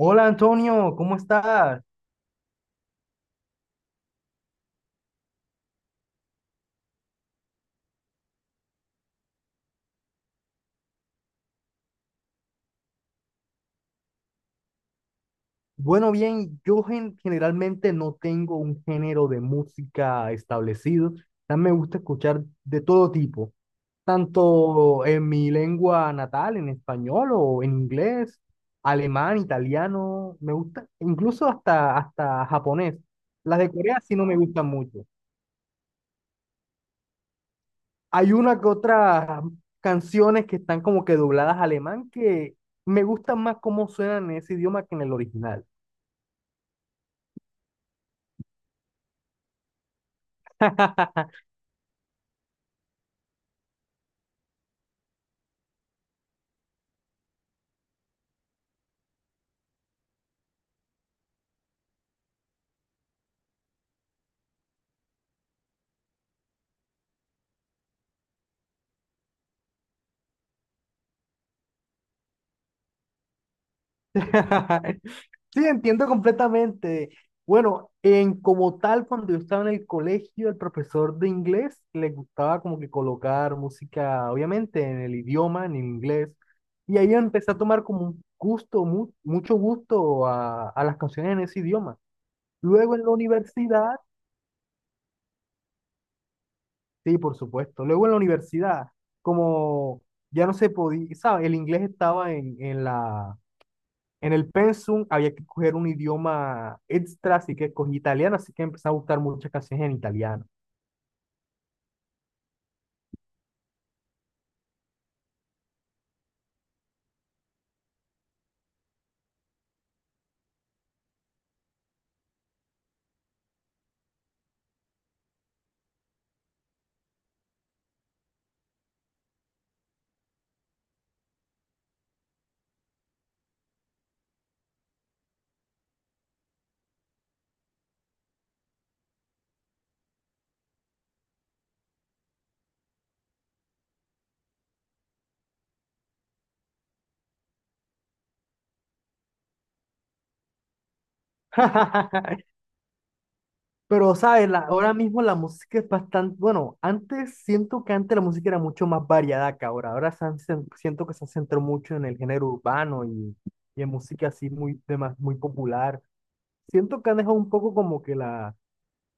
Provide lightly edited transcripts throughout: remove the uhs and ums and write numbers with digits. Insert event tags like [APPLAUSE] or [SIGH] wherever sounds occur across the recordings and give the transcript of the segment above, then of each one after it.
Hola Antonio, ¿cómo estás? Bueno, bien, yo generalmente no tengo un género de música establecido. También me gusta escuchar de todo tipo, tanto en mi lengua natal, en español o en inglés, alemán, italiano, me gusta, incluso hasta japonés. Las de Corea sí no me gustan mucho. Hay una que otra canciones que están como que dobladas a alemán que me gustan más cómo suenan en ese idioma que en el original. [LAUGHS] [LAUGHS] Sí, entiendo completamente. Bueno, en como tal, cuando yo estaba en el colegio, el profesor de inglés le gustaba como que colocar música, obviamente, en el idioma, en inglés. Y ahí empecé a tomar como un gusto, mucho gusto a las canciones en ese idioma. Luego en la universidad, sí, por supuesto. Luego en la universidad, como ya no se podía, ¿sabes? El inglés estaba en en el pensum había que coger un idioma extra, así que cogí italiano, así que empecé a buscar muchas canciones en italiano. [LAUGHS] Pero, ¿sabes? Ahora mismo la música es bastante, bueno, antes siento que antes la música era mucho más variada que ahora. Ahora se han siento que se centró mucho en el género urbano y en música así muy, muy popular. Siento que han dejado un poco como que la,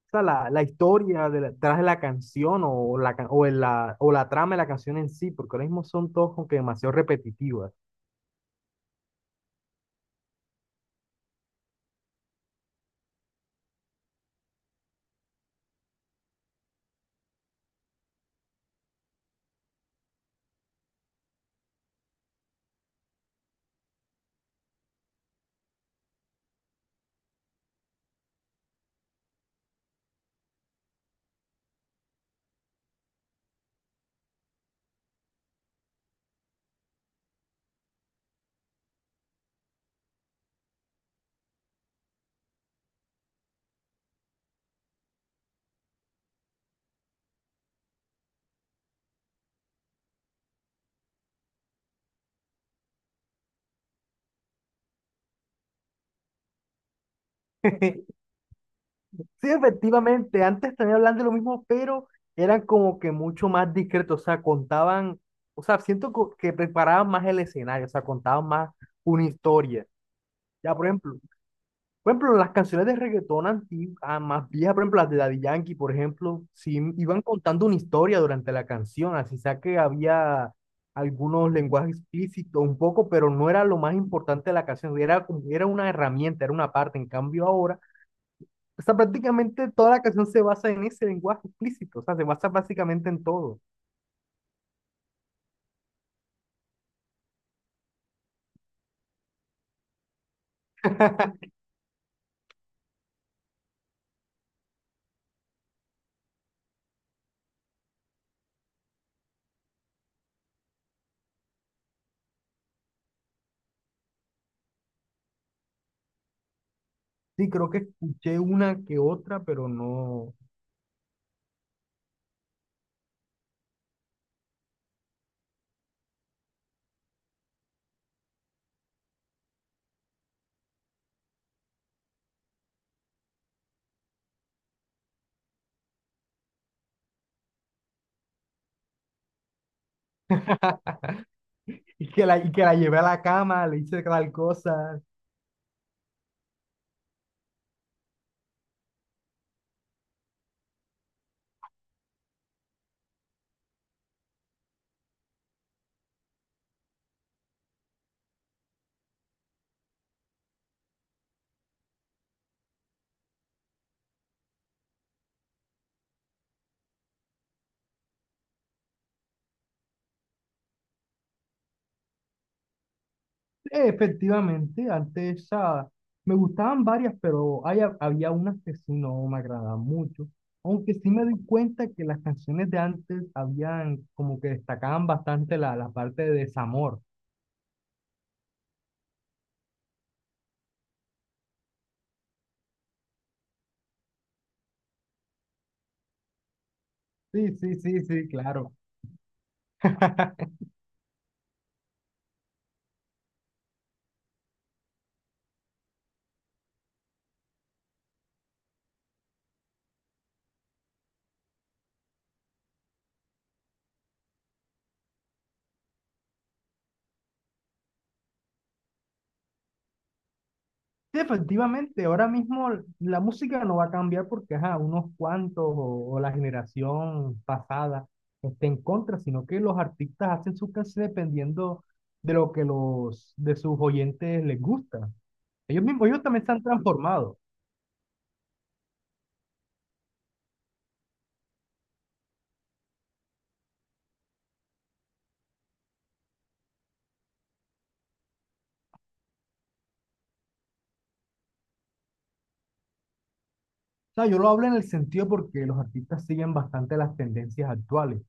o sea, la historia de detrás de la canción o la, ca- o, el- la, o la trama de la canción en sí, porque ahora mismo son todos como que demasiado repetitivas. [LAUGHS] Sí, efectivamente, antes también hablan de lo mismo, pero eran como que mucho más discretos, o sea, contaban, o sea, siento que preparaban más el escenario, o sea, contaban más una historia. Ya, por ejemplo, las canciones de reggaetón antiguas, más viejas, por ejemplo, las de Daddy Yankee, por ejemplo, sí iban contando una historia durante la canción, así sea que había algunos lenguajes explícitos un poco, pero no era lo más importante de la canción, era, era una herramienta, era una parte, en cambio ahora o sea, prácticamente toda la canción se basa en ese lenguaje explícito, o sea, se basa básicamente en todo. [LAUGHS] Sí, creo que escuché una que otra, pero no. Y que la llevé a la cama, le hice tal cosa. Efectivamente, me gustaban varias, pero había unas que sí no me agradaban mucho. Aunque sí me di cuenta que las canciones de antes habían como que destacaban bastante la, la parte de desamor. Sí, sí, sí, sí, claro. [LAUGHS] Sí, efectivamente, ahora mismo la música no va a cambiar porque ajá, unos cuantos o la generación pasada esté en contra, sino que los artistas hacen sus canciones dependiendo de lo que los de sus oyentes les gusta. Ellos mismos, ellos también se han transformado. Sea, yo lo hablo en el sentido porque los artistas siguen bastante las tendencias actuales.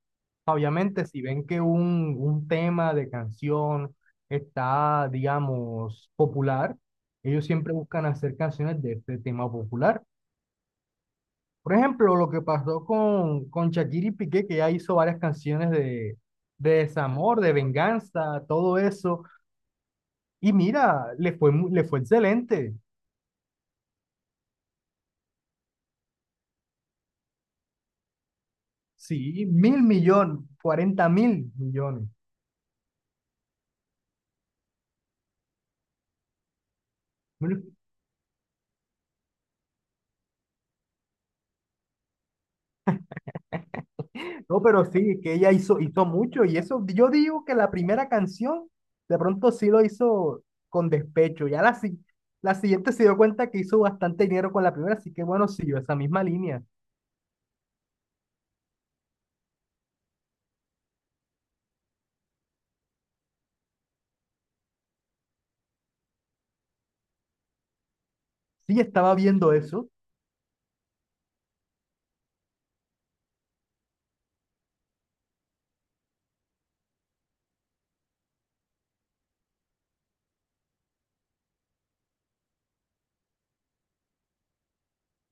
Obviamente, si ven que un tema de canción está, digamos, popular, ellos siempre buscan hacer canciones de este tema popular. Por ejemplo, lo que pasó con Shakira y Piqué, que ya hizo varias canciones de desamor, de venganza, todo eso. Y mira, le fue, le fue excelente. Sí, 1.000.000.000, 40.000.000.000. No, pero sí, que ella hizo, hizo mucho y eso, yo digo que la primera canción de pronto sí lo hizo con despecho, ya la, si- la siguiente se dio cuenta que hizo bastante dinero con la primera, así que bueno, siguió esa misma línea. Sí, estaba viendo eso.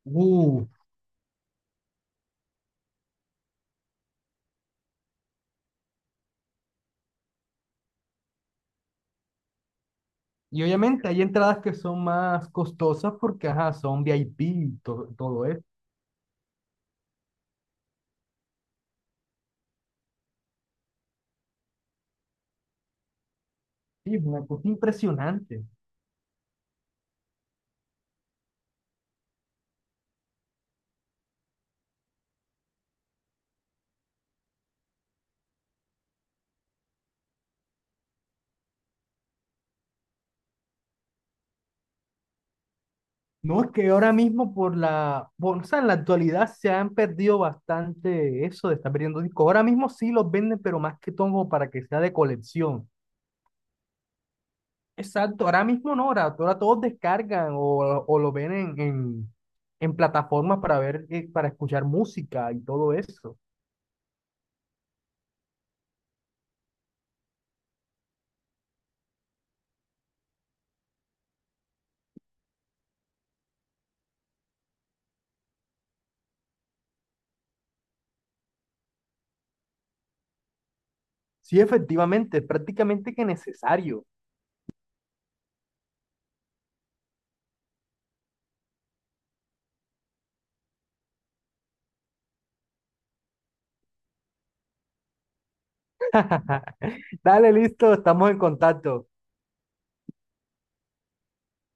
Uh, y obviamente hay entradas que son más costosas porque, ajá, son VIP y todo eso. Sí, es una cosa impresionante. No, es que ahora mismo por o sea, en la actualidad se han perdido bastante eso de estar perdiendo discos. Ahora mismo sí los venden, pero más que todo para que sea de colección. Exacto, ahora mismo no, ahora, ahora todos descargan o lo ven en plataformas para ver, para escuchar música y todo eso. Sí, efectivamente, es prácticamente que necesario. [LAUGHS] Dale, listo, estamos en contacto.